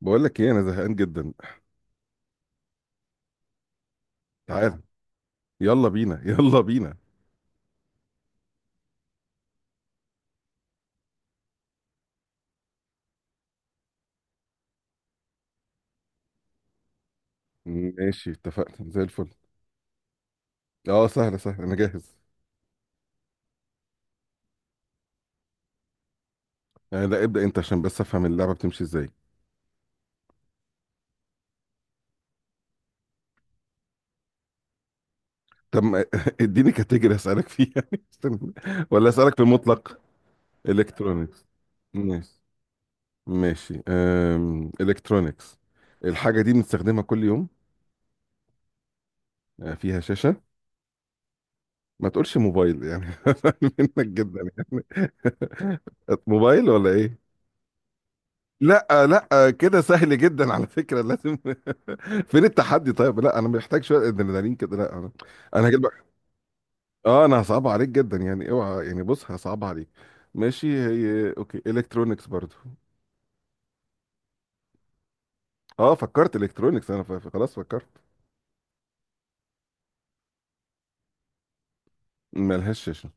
بقول لك ايه، انا زهقان جدا. يلا تعال، يلا بينا يلا بينا. ماشي اتفقنا زي الفل. اه سهله سهله انا جاهز. آه لا ابدا انت عشان بس افهم اللعبه بتمشي ازاي. طب اديني كاتيجوري اسالك فيها استنى، ولا اسالك في المطلق؟ الكترونيكس. ماشي ماشي. الكترونيكس. الحاجه دي بنستخدمها كل يوم. فيها شاشه. ما تقولش موبايل يعني، منك جدا يعني. موبايل ولا ايه؟ لا لا، كده سهل جدا على فكرة، لازم فين التحدي؟ طيب لا، انا محتاج شوية ادرينالين كده، لا انا هجيب لك. اه انا هصعب عليك جدا يعني، اوعى يعني، بص هصعب عليك. ماشي. هي اوكي، الكترونكس برضو. اه فكرت الكترونكس، انا خلاص فكرت. ملهاش شاشة.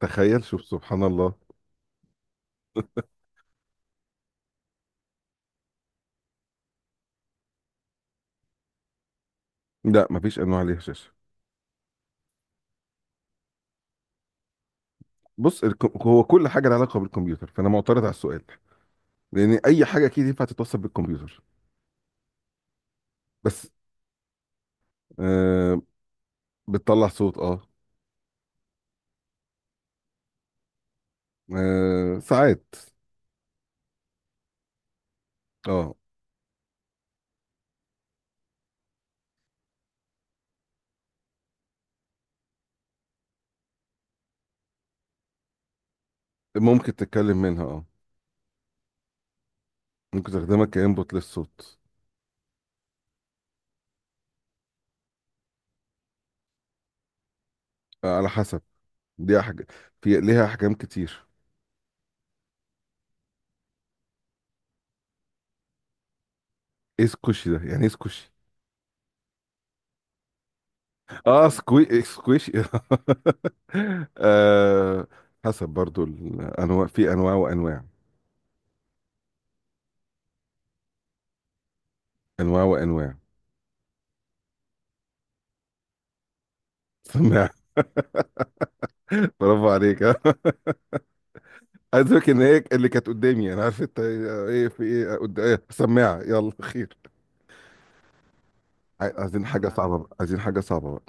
تخيل شوف سبحان الله. لا مفيش انواع ليها شاشة. بص هو كل حاجة لها علاقة بالكمبيوتر، فانا معترض على السؤال، لان اي حاجة اكيد ينفع تتوصل بالكمبيوتر. بس آه بتطلع صوت اه. ساعات اه. ممكن تتكلم منها اه، ممكن تخدمها كانبوت للصوت. على حسب، دي حاجة في ليها احجام كتير. ايه سكوشي ده؟ يعني ايه سكوشي؟ اه سكوي سكويشي آه. حسب برضو الانواع، في انواع وانواع، انواع وانواع. سماع برافو عليك آه. عايز اقول ان هي اللي كانت قدامي، انا عارف انت ايه، إيه، في ايه قد- إيه، سماعه، يلا خير. عايزين حاجه صعبه بقى، عايزين حاجه صعبه بقى.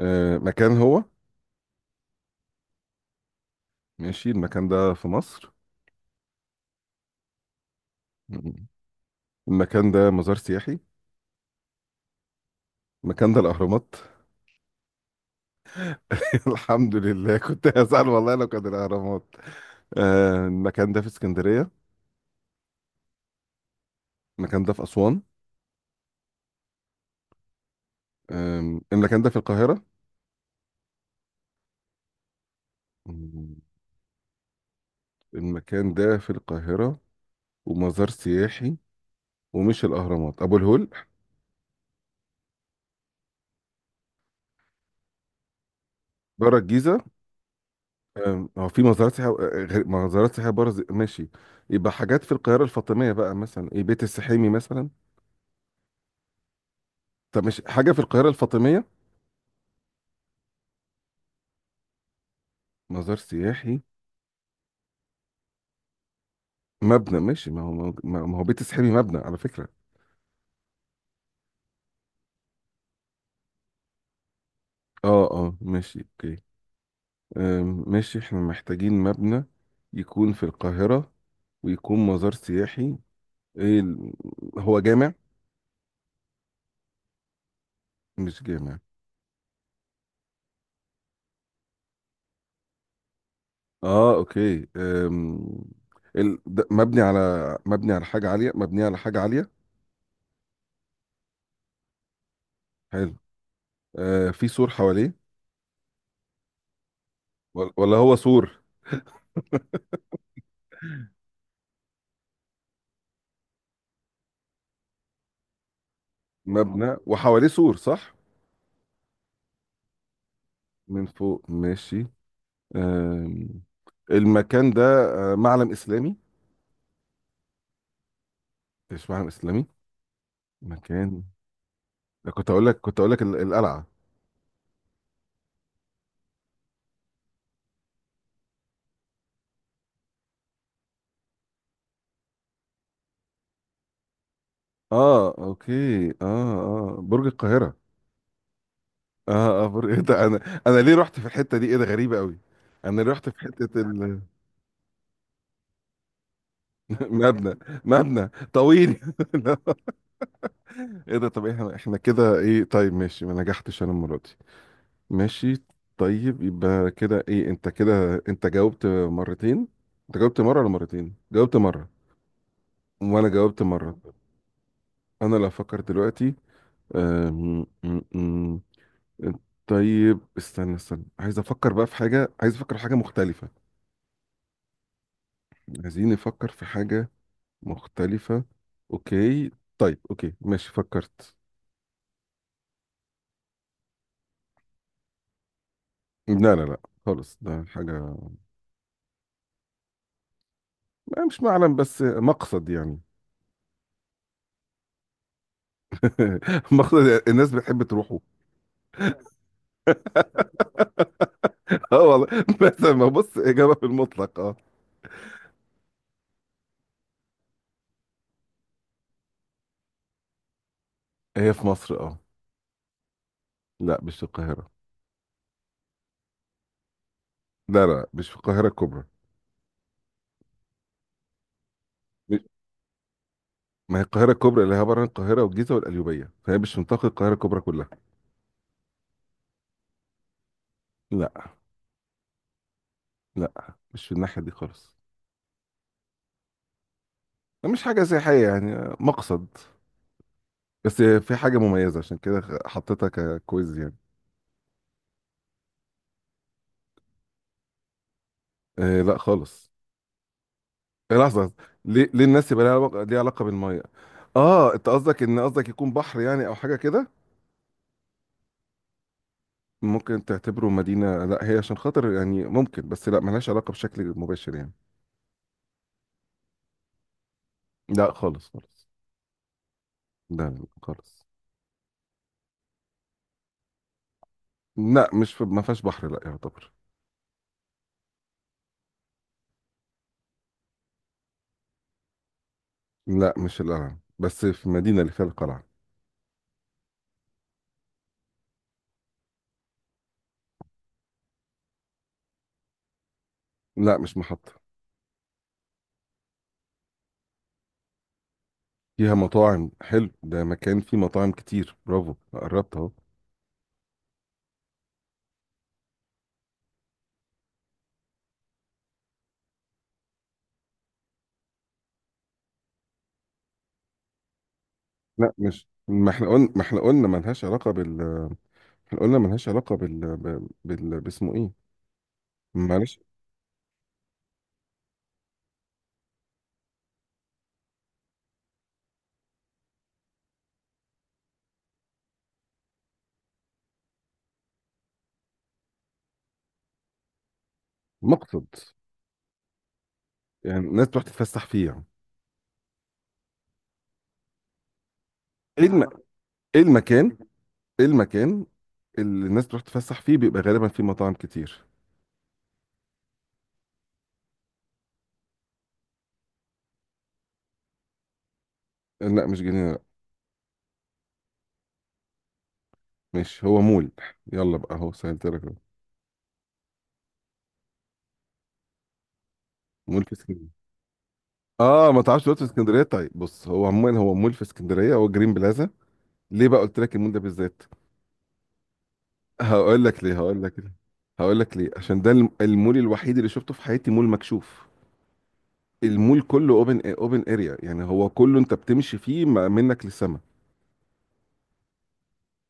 مكان هو. ماشي، المكان ده في مصر؟ المكان ده مزار سياحي؟ المكان ده الأهرامات؟ الحمد لله، كنت هزعل والله لو كان الأهرامات. المكان ده في اسكندرية؟ المكان ده في أسوان؟ المكان ده في القاهرة؟ مم، المكان ده في القاهرة، ومزار سياحي، ومش الأهرامات، أبو الهول. بره الجيزة. هو في مزارات سياحية آه، مزارات سياحية بره ماشي. يبقى حاجات في القاهرة الفاطمية بقى، مثلا إيه بيت السحيمي مثلا. طب مش حاجة في القاهرة الفاطمية؟ مزار سياحي. مبنى ماشي، ما هو ما هو بيت السحري مبنى على فكرة. اه اه ماشي اوكي. أم، ماشي احنا محتاجين مبنى، يكون في القاهرة، ويكون مزار سياحي. ايه هو جامع؟ مش جامع. اه اوكي. ده مبني على، مبني على حاجة عالية. حلو. آه، في سور حواليه؟ ولا هو سور؟ مبنى وحواليه سور، صح؟ من فوق ماشي. أم، المكان ده، آه، معلم إسلامي؟ اشمعنى اسلامي؟ مكان ده كنت اقول لك، القلعه. اه اوكي. اه اه برج القاهره. اه اه برج ايه ده، انا ليه رحت في الحته دي؟ ايه ده غريبه قوي. انا ليه رحت في حته مبنى، مبنى طويل لا. ايه ده، طب احنا كده ايه؟ طيب ماشي، ما نجحتش انا المره دي. ماشي. طيب يبقى كده ايه، انت كده انت جاوبت مرتين، انت جاوبت مره ولا مرتين؟ جاوبت مره. وانا جاوبت مره. انا لو افكر دلوقتي، أم... طيب استنى استنى، عايز افكر بقى في حاجة، عايزين نفكر في حاجة مختلفة. اوكي. طيب اوكي ماشي فكرت. لا لا لا، خالص ده حاجة. ما مش معلم، بس مقصد يعني. مقصد الناس بتحب تروحه. اه والله. بس ما، بص إجابة في المطلق اه. هي في مصر اه. لا مش في القاهرة. لا لا، مش في القاهرة الكبرى. مش- ما هي القاهرة الكبرى اللي هي عبارة عن القاهرة والجيزة والقليوبية، فهي مش منطقة القاهرة الكبرى كلها. لا لا، مش في الناحية دي خالص. مش حاجة سياحية، يعني مقصد، بس في حاجة مميزة عشان كده حطيتها ككويز يعني. آه لا خالص. آه، لحظة. ليه ليه الناس يبقى ليها علاقة بالمية؟ اه انت قصدك ان، يكون بحر يعني او حاجة كده. ممكن تعتبره مدينة، لا هي عشان خاطر يعني ممكن، بس لا ملهاش علاقة بشكل مباشر يعني. لا خالص خالص. لا لا، خالص. لا مش في، ما فيهاش بحر لا يعتبر. لا مش القلعة، بس في مدينة اللي فيها القلعة. لا مش محطة. فيها مطاعم، حلو، ده مكان فيه مطاعم كتير، برافو قربت اهو. لا مش، ما احنا قلنا، ملهاش علاقة بال، احنا قلنا ملهاش علاقة بال، بال باسمه ايه. معلش. مقصد يعني، الناس تروح تتفسح فيه يعني. ايه الم... ايه المكان، ايه المكان اللي الناس تروح تتفسح فيه، بيبقى غالبا فيه مطاعم كتير. لا مش جنينة لا. مش هو مول؟ يلا بقى اهو سهلت لك أهو. مول في اسكندرية. اه ما تعرفش دلوقتي في اسكندرية، طيب بص هو عموما هو مول في اسكندرية، هو جرين بلازا. ليه بقى قلت لك المول ده بالذات؟ هقول لك ليه هقول لك ليه هقول لك ليه، عشان ده المول الوحيد اللي شفته في حياتي مول مكشوف. المول كله اوبن اريا، يعني هو كله انت بتمشي فيه منك للسما.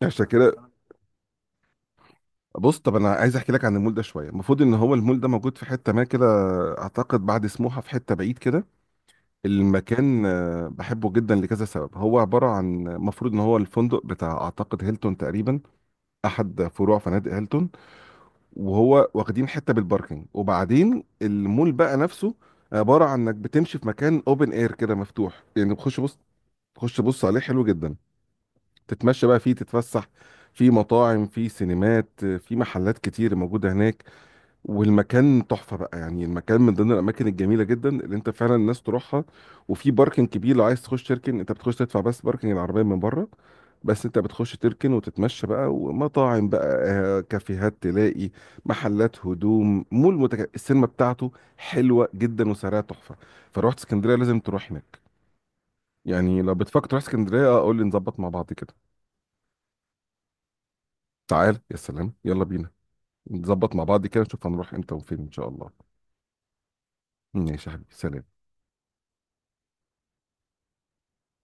عشان كده، بص، طب انا عايز احكي لك عن المول ده شويه. المفروض ان هو المول ده موجود في حته ما كده، اعتقد بعد سموحه في حته بعيد كده. المكان آه، بحبه جدا لكذا سبب. هو عباره عن، المفروض ان هو الفندق بتاع اعتقد هيلتون تقريبا، احد فروع فنادق هيلتون. وهو واخدين حته بالباركينج، وبعدين المول بقى نفسه عباره عن انك بتمشي في مكان اوبن اير كده مفتوح يعني، بتخش بص، تخش بص عليه، حلو جدا. تتمشى بقى فيه تتفسح، في مطاعم، في سينمات، في محلات كتير موجوده هناك، والمكان تحفة بقى يعني. المكان من ضمن الأماكن الجميلة جدا اللي أنت فعلا الناس تروحها. وفي باركنج كبير لو عايز تخش تركن، أنت بتخش تدفع بس باركنج العربية من بره، بس أنت بتخش تركن وتتمشى بقى، ومطاعم بقى آه، كافيهات تلاقي، محلات هدوم، مول السينما بتاعته حلوة جدا وسعرها تحفة. فروحت اسكندرية لازم تروح هناك، يعني لو بتفكر تروح اسكندرية آه، قول لي نظبط مع بعض كده. تعال يا سلام، يلا بينا، نظبط مع بعض كده، نشوف هنروح امتى وفين إن شاء الله. ماشي يا حبيبي، سلام.